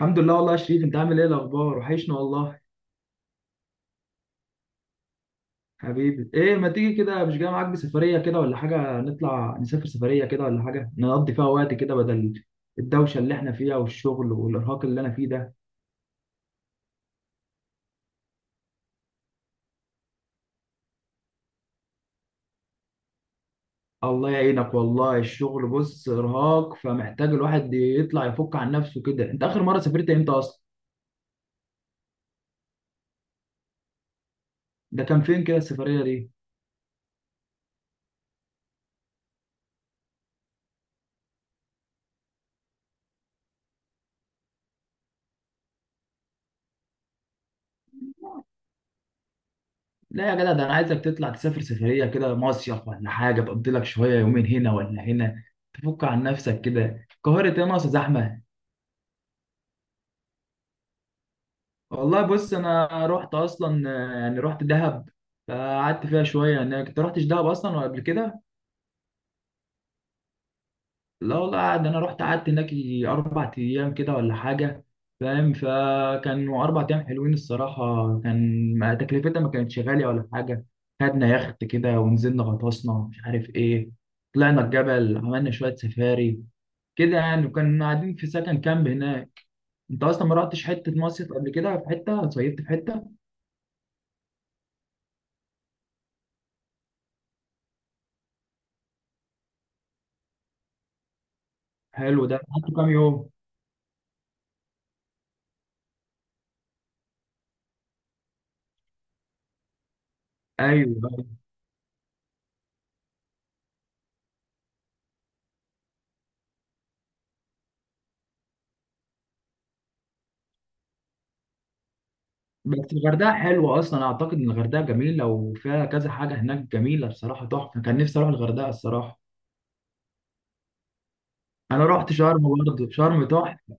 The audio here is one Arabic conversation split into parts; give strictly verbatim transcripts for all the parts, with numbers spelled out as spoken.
الحمد لله، والله يا شريف، انت عامل ايه الاخبار؟ وحشنا والله. حبيبي، ايه ما تيجي كده؟ مش جاي معاك بسفريه كده ولا حاجه، نطلع نسافر سفريه كده ولا حاجه، نقضي فيها وقت كده بدل الدوشه اللي احنا فيها والشغل والارهاق اللي انا فيه ده. الله يعينك، والله الشغل بص ارهاق، فمحتاج الواحد يطلع يفك عن نفسه كده. انت اخر مره سافرت امتى اصلا؟ ده كان فين كده السفريه دي؟ لا يا جدع، ده انا عايزك تطلع تسافر سفريه كده، مصيف ولا حاجه، تقضي لك شويه يومين هنا ولا هنا، تفك عن نفسك كده. القاهره ايه؟ ناقصه زحمه؟ والله بص، انا رحت اصلا آه، يعني رحت دهب. فقعدت فيها شويه. يعني كنت رحتش دهب اصلا ولا قبل كده؟ لا والله، قعد انا رحت قعدت هناك يجي اربع ايام كده ولا حاجه. فاهم؟ فكانوا اربع ايام حلوين الصراحه. كان ما- تكلفتها ما كانتش غاليه ولا حاجه. خدنا يخت كده ونزلنا غطسنا، مش عارف ايه. طلعنا الجبل، عملنا شويه سفاري كده يعني، وكنا قاعدين في سكن كامب هناك. انت اصلا ما رحتش حته مصيف قبل كده؟ في حته صيفت في حته؟ حلو ده، قعدت كام يوم؟ ايوه. بس الغردقه حلوه اصلا، اعتقد ان الغردقه جميله وفيها كذا حاجه هناك جميله بصراحه تحفه. كان نفسي اروح الغردقه الصراحه. انا رحت شرم برضه، شرم تحفه.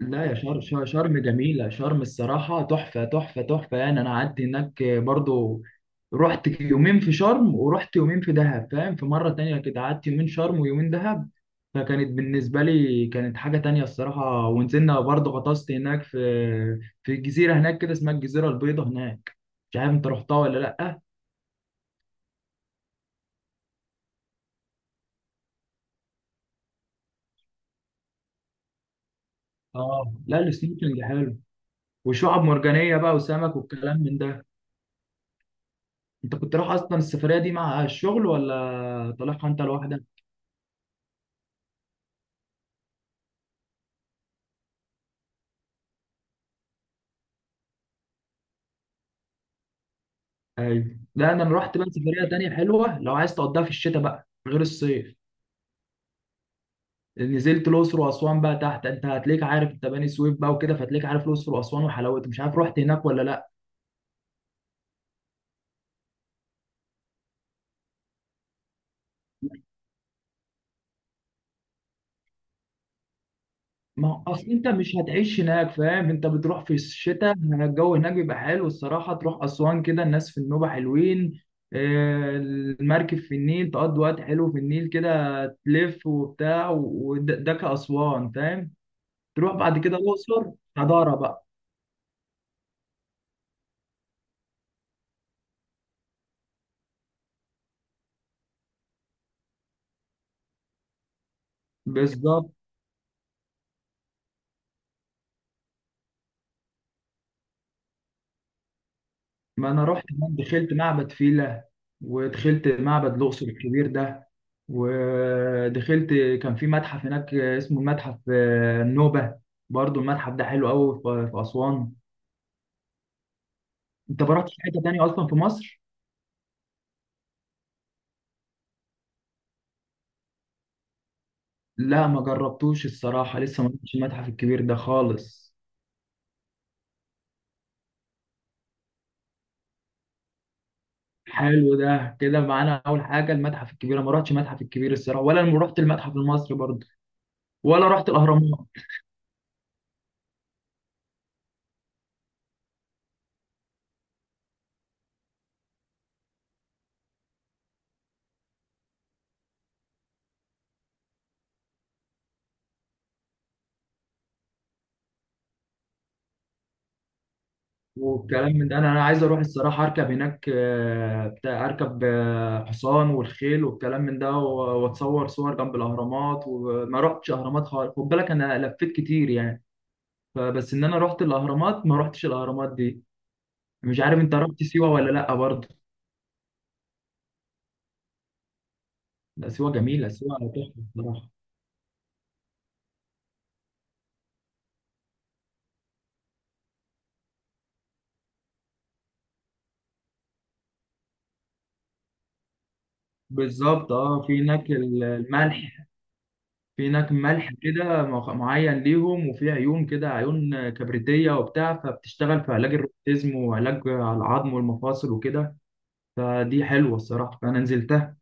لا، يا شرم شرم شرم جميلة، شرم الصراحة تحفة تحفة تحفة يعني، أنا قعدت هناك برضو. رحت يومين في شرم ورحت يومين في دهب، فاهم؟ في مرة تانية كده قعدت يومين شرم ويومين دهب. فكانت بالنسبة لي كانت حاجة تانية الصراحة، ونزلنا برضو غطست هناك في في جزيرة هناك كده اسمها الجزيرة البيضاء هناك. مش عارف أنت رحتها ولا لأ؟ آه، لا، السنوركلينج حلو. وشعب مرجانية بقى وسمك والكلام من ده. أنت كنت رايح أصلا السفرية دي مع الشغل ولا طالعها أنت لوحدك؟ ايوه. لا، انا رحت بقى سفريه تانية حلوه لو عايز تقضيها في الشتاء بقى غير الصيف. نزلت الاقصر واسوان بقى تحت، انت هتلاقيك عارف، انت بني سويف بقى وكده، فهتلاقيك عارف الاقصر واسوان وحلاوتها، مش عارف رحت هناك ولا لا؟ ما هو اصل انت مش هتعيش هناك، فاهم، انت بتروح في الشتاء الجو هناك بيبقى حلو الصراحه، تروح اسوان كده الناس في النوبه حلوين. آه، المركب في النيل، تقضي وقت حلو في النيل كده. تلف وبتاع، وده ده كاسوان فاهم. تروح بعد كده الاقصر. حضاره بقى. بالظبط، ما انا رحت هناك دخلت معبد فيلة. ودخلت معبد الاقصر الكبير ده. ودخلت كان في متحف هناك اسمه المتحف آه، النوبة. برضو المتحف ده حلو قوي في في اسوان. انت ما رحتش حته تانية اصلا في مصر؟ لا، ما جربتوش الصراحه، لسه ما رحتش المتحف الكبير ده خالص. حلو، ده كده معانا اول حاجه المتحف الكبير، أنا ما رحتش المتحف الكبير الصراحه، ولا رحت المتحف المصري برضو. ولا رحت الاهرامات. والكلام من ده، انا انا عايز اروح الصراحه اركب هناك آه، بتاع، اركب آه، حصان والخيل والكلام من ده، و- واتصور صور جنب الاهرامات، وما رحتش اهرامات خالص، خد بالك انا لفيت كتير يعني. فبس ان انا رحت الاهرامات، ما رحتش الاهرامات دي. مش عارف انت رحت سيوه ولا لا برضه؟ لا، سيوه جميله، سيوه تحفه الصراحه. بالظبط، اه، في هناك الملح. في هناك ملح كده مخ- معين ليهم، وفي عيون كده عيون كبريتية وبتاع، فبتشتغل في علاج الروماتيزم وعلاج على العظم والمفاصل وكده. فدي حلوة الصراحة، فأنا نزلتها.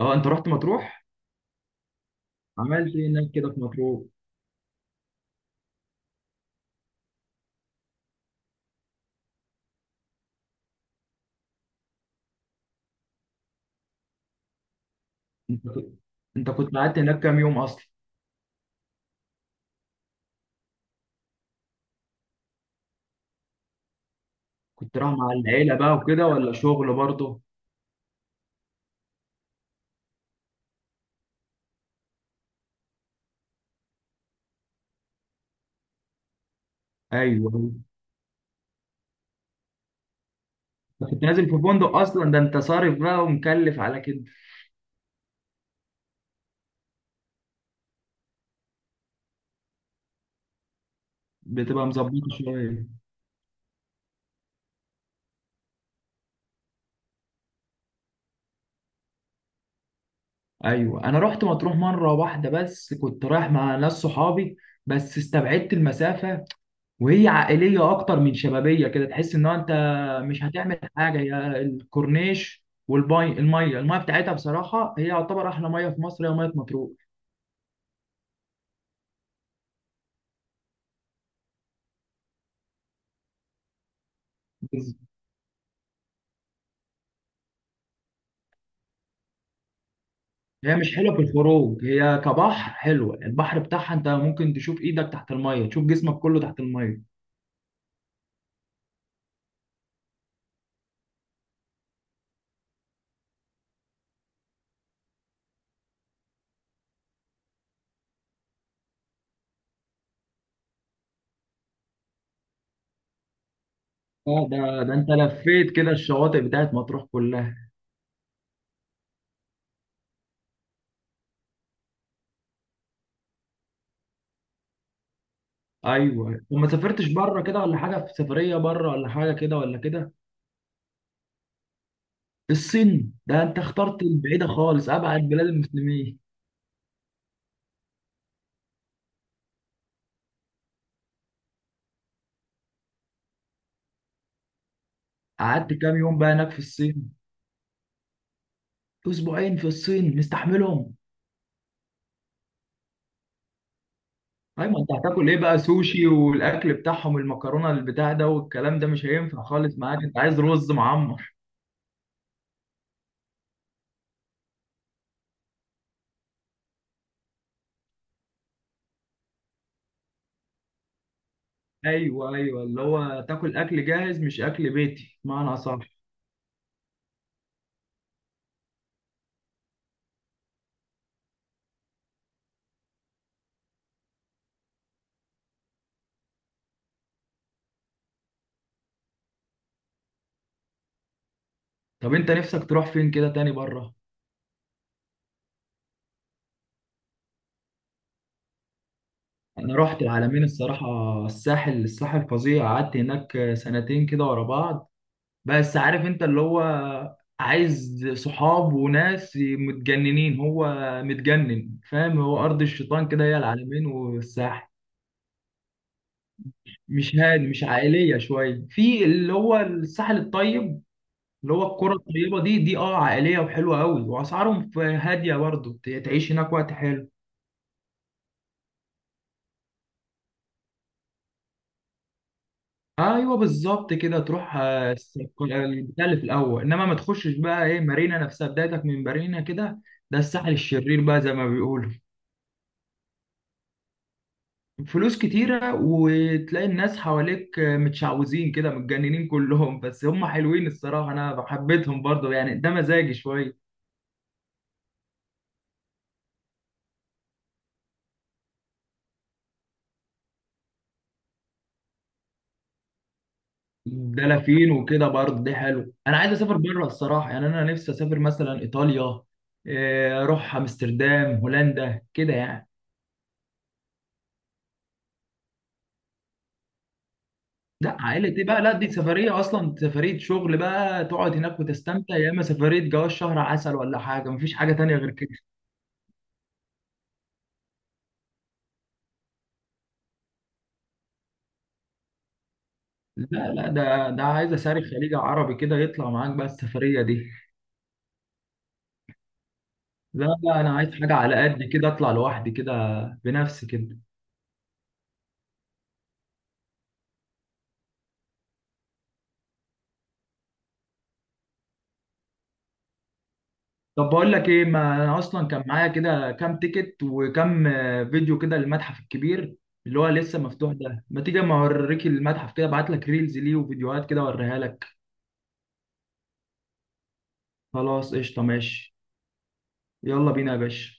اه، انت رحت مطروح؟ عملت ايه هناك كده في مطروح؟ انت كنت انت كنت قعدت هناك كام يوم اصلا؟ كنت رايح مع العيلة بقى وكده، ولا شغل برضه؟ ايوه. أنت كنت نازل في فندق اصلا، ده انت صارف بقى ومكلف على كده؟ بتبقى مظبطة شوية. ايوه، انا رحت مطروح مره واحده بس، كنت رايح مع ناس صحابي. بس استبعدت المسافه. وهي عائليه اكتر من شبابيه كده، تحس ان هو انت مش هتعمل حاجه، هي الكورنيش والميه، الميه الميه بتاعتها بصراحه، هي يعتبر احلى ميه في مصر، هي ميه مطروح. بز- هي مش حلوه في الخروج، هي كبحر حلوه، البحر بتاعها انت ممكن تشوف ايدك تحت الميه، تشوف جسمك كله تحت الميه. اه، ده ده انت لفيت كده الشواطئ بتاعت مطروح كلها؟ ايوه، وما سافرتش بره كده ولا حاجه، في سفريه بره ولا حاجه كده ولا كده؟ الصين؟ ده انت اخترت البعيده خالص، ابعد بلاد المسلمين. قعدت كام يوم بقى هناك في الصين؟ اسبوعين في الصين، مستحملهم؟ ايوه، ما انت هتاكل ايه بقى، سوشي والاكل بتاعهم المكرونه البتاع ده والكلام ده مش هينفع خالص معاك، انت عايز رز معمر. ايوه، ايوه، اللي هو تاكل اكل جاهز مش اكل بيتي، معنى صح. طب انت نفسك تروح فين كده تاني بره؟ انا رحت العلمين الصراحه. الساحل الساحل فظيع، قعدت هناك سنتين كده ورا بعض. بس عارف انت اللي هو، عايز صحاب وناس متجننين، هو متجنن، فاهم، هو ارض الشيطان كده هي العلمين والساحل. مش هادي مش عائليه شويه، في اللي هو الساحل الطيب. اللي هو القرى الطيبه دي دي اه عائليه وحلوه قوي، واسعارهم ف- هاديه برضه. تعيش هناك وقت حلو. ايوه بالظبط، كده تروح آه، الس- البتاع اللي في الاول، انما ما تخشش بقى ايه مارينا نفسها، بدايتك من مارينا كده. ده الساحل الشرير بقى زي ما بيقولوا. فلوس كتيره، وتلاقي الناس حواليك آه، متشعوذين كده متجننين كلهم، بس هم حلوين الصراحه، انا حبيتهم برضه يعني ده مزاجي شويه. دلافين وكده برضه دي، حلو انا عايز اسافر بره الصراحه، يعني انا نفسي اسافر مثلا ايطاليا. آه، اروح امستردام هولندا كده يعني. لا عائلة ايه بقى، لا دي سفرية اصلا سفرية شغل بقى، تقعد هناك وتستمتع، يا اما سفرية جواز شهر عسل ولا حاجة، مفيش حاجة تانية غير كده. لا، لا، ده ده عايز اسافر خليج عربي كده يطلع معاك بقى السفرية دي. لا، لا، انا عايز حاجة على قد كده اطلع لوحدي كده. بنفسي كده. طب بقول لك ايه، ما انا اصلا كان معايا كده كام تيكت وكام آه، فيديو كده للمتحف الكبير. اللي هو لسه مفتوح ده، ما تيجي اما اوريك المتحف كده، ابعت لك ريلز ليه وفيديوهات كده اوريها لك. خلاص، قشطة، ماشي. يلا بينا يا باشا.